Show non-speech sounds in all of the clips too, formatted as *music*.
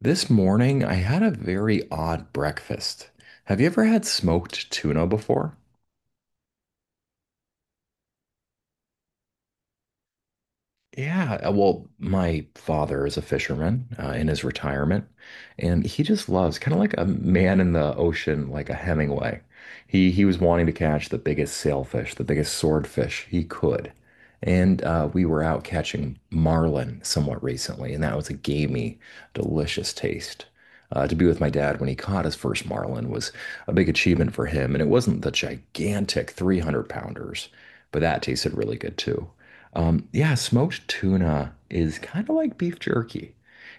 This morning, I had a very odd breakfast. Have you ever had smoked tuna before? Yeah, well, my father is a fisherman in his retirement, and he just loves kind of like a man in the ocean, like a Hemingway. He was wanting to catch the biggest sailfish, the biggest swordfish he could, and we were out catching marlin somewhat recently, and that was a gamey, delicious taste. To be with my dad when he caught his first marlin was a big achievement for him, and it wasn't the gigantic 300 pounders, but that tasted really good too. Yeah, smoked tuna is kind of like beef jerky.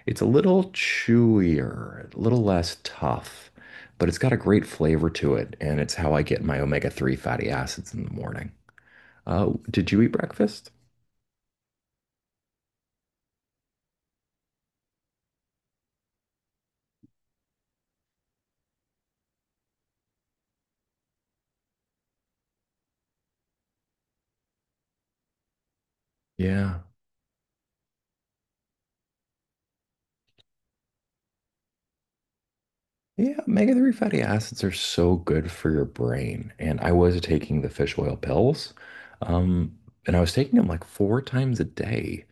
It's a little chewier, a little less tough, but it's got a great flavor to it, and it's how I get my omega-3 fatty acids in the morning. Did you eat breakfast? Yeah. Yeah, omega-3 fatty acids are so good for your brain. And I was taking the fish oil pills, um, and I was taking them like four times a day.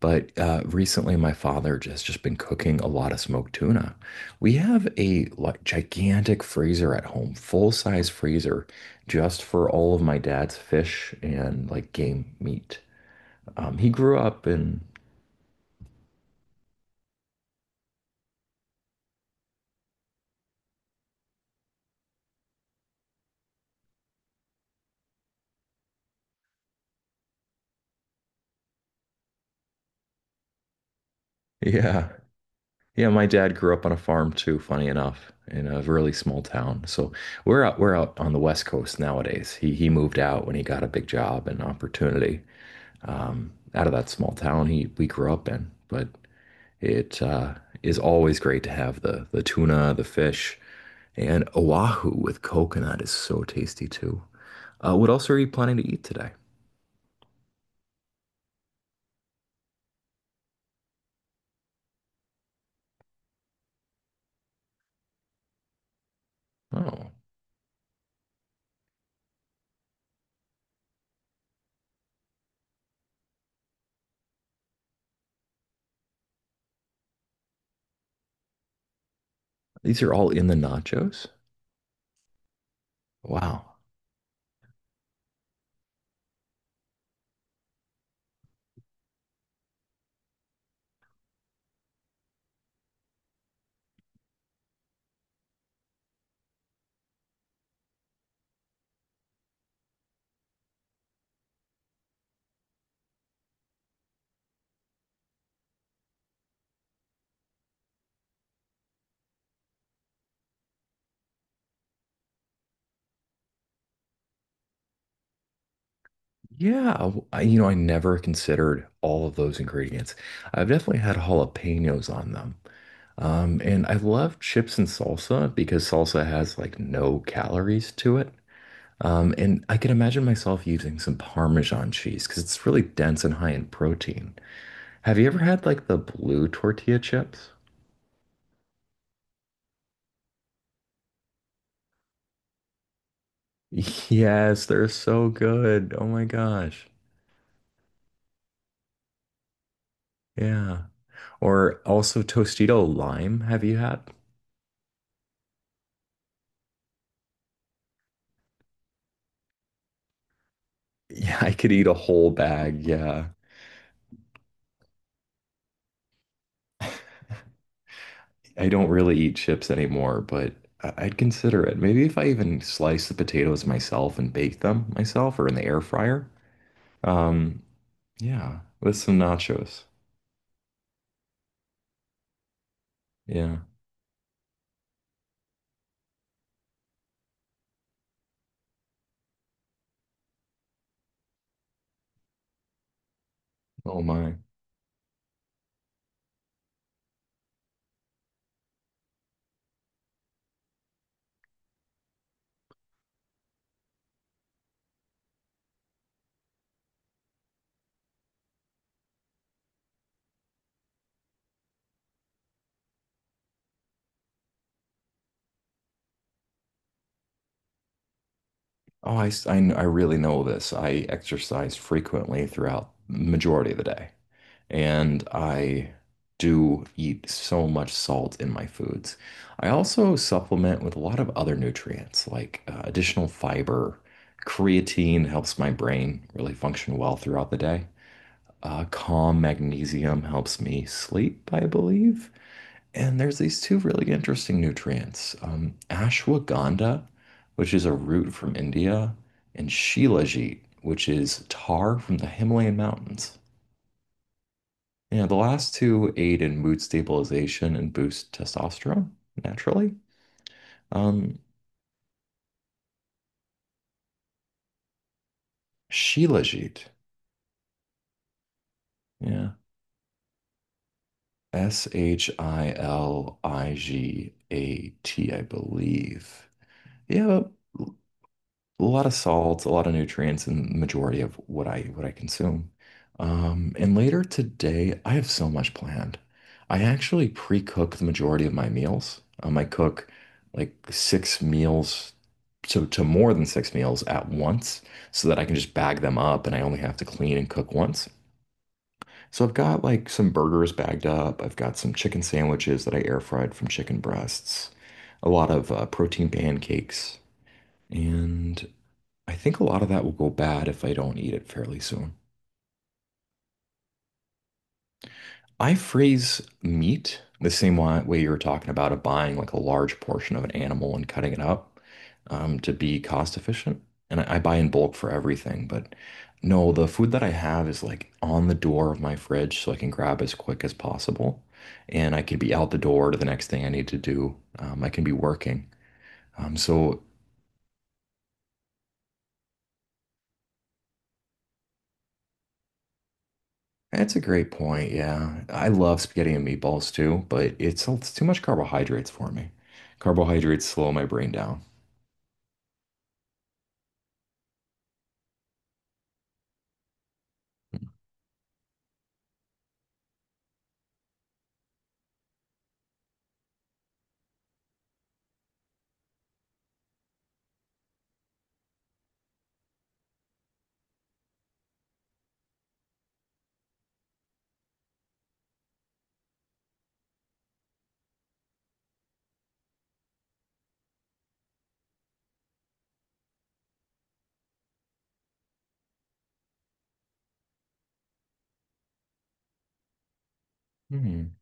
But recently, my father has just been cooking a lot of smoked tuna. We have a like gigantic freezer at home, full-size freezer, just for all of my dad's fish and like game meat. He grew up in, *laughs* yeah. Yeah, my dad grew up on a farm too, funny enough, in a really small town. So we're out on the West Coast nowadays. He moved out when he got a big job and opportunity out of that small town he we grew up in. But it is always great to have the tuna, the fish, and Oahu with coconut is so tasty too. What else are you planning to eat today? Oh, these are all in the nachos. Wow. Yeah, I never considered all of those ingredients. I've definitely had jalapenos on them. And I love chips and salsa because salsa has like no calories to it. And I can imagine myself using some Parmesan cheese because it's really dense and high in protein. Have you ever had like the blue tortilla chips? *laughs* Yes, they're so good. Oh my gosh. Yeah. Or also Tostito lime. Have you had? *laughs* Yeah, I could eat a whole bag. Yeah. I don't really eat chips anymore, but I'd consider it. Maybe if I even slice the potatoes myself and bake them myself or in the air fryer. Um, yeah, with some nachos. Yeah. Oh my. Oh, I really know this. I exercise frequently throughout the majority of the day. And I do eat so much salt in my foods. I also supplement with a lot of other nutrients like additional fiber. Creatine helps my brain really function well throughout the day. Calm magnesium helps me sleep, I believe. And there's these two really interesting nutrients ashwagandha, which is a root from India, and shilajit, which is tar from the Himalayan mountains. Yeah, the last two aid in mood stabilization and boost testosterone naturally. Um, Shilajit. Yeah. Shiligat, I believe. Yeah, but a lot of salts, a lot of nutrients in the majority of what I consume. And later today, I have so much planned. I actually pre-cook the majority of my meals. I cook like six meals to more than six meals at once so that I can just bag them up and I only have to clean and cook once. So I've got like some burgers bagged up. I've got some chicken sandwiches that I air fried from chicken breasts, a lot of protein pancakes, and I think a lot of that will go bad if I don't eat it fairly soon. I freeze meat the same way you were talking about of buying like a large portion of an animal and cutting it up to be cost efficient. And I buy in bulk for everything, but no, the food that I have is like on the door of my fridge so I can grab as quick as possible. And I can be out the door to the next thing I need to do. I can be working. So that's a great point. Yeah. I love spaghetti and meatballs too, but it's too much carbohydrates for me. Carbohydrates slow my brain down. Hmm.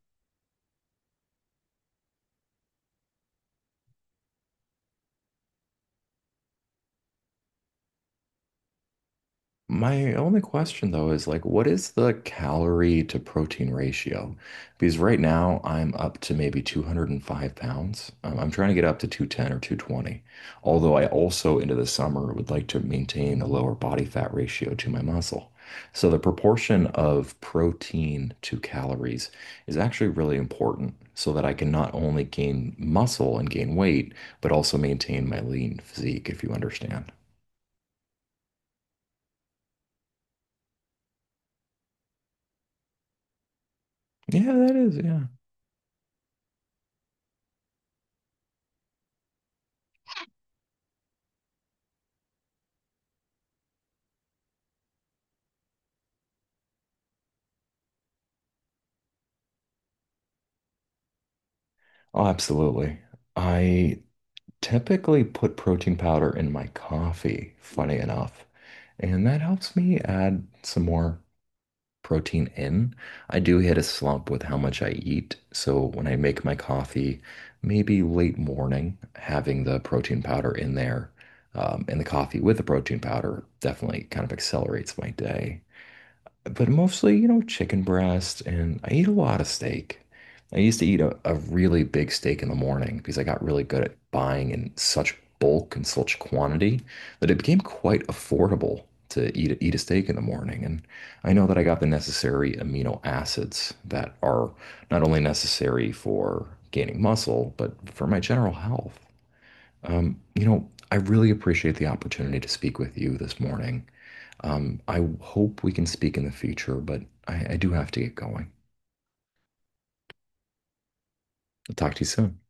My only question though is like, what is the calorie to protein ratio? Because right now I'm up to maybe 205 pounds. I'm trying to get up to 210 or 220. Although I also into the summer would like to maintain a lower body fat ratio to my muscle. So the proportion of protein to calories is actually really important so that I can not only gain muscle and gain weight, but also maintain my lean physique, if you understand. Yeah, that is, yeah. Oh, absolutely. I typically put protein powder in my coffee, funny enough, and that helps me add some more protein in. I do hit a slump with how much I eat, so when I make my coffee, maybe late morning, having the protein powder in there, and the coffee with the protein powder definitely kind of accelerates my day but mostly, chicken breast, and I eat a lot of steak. I used to eat a really big steak in the morning because I got really good at buying in such bulk and such quantity that it became quite affordable to eat a steak in the morning. And I know that I got the necessary amino acids that are not only necessary for gaining muscle, but for my general health. I really appreciate the opportunity to speak with you this morning. I hope we can speak in the future, but I do have to get going. I'll talk to you soon.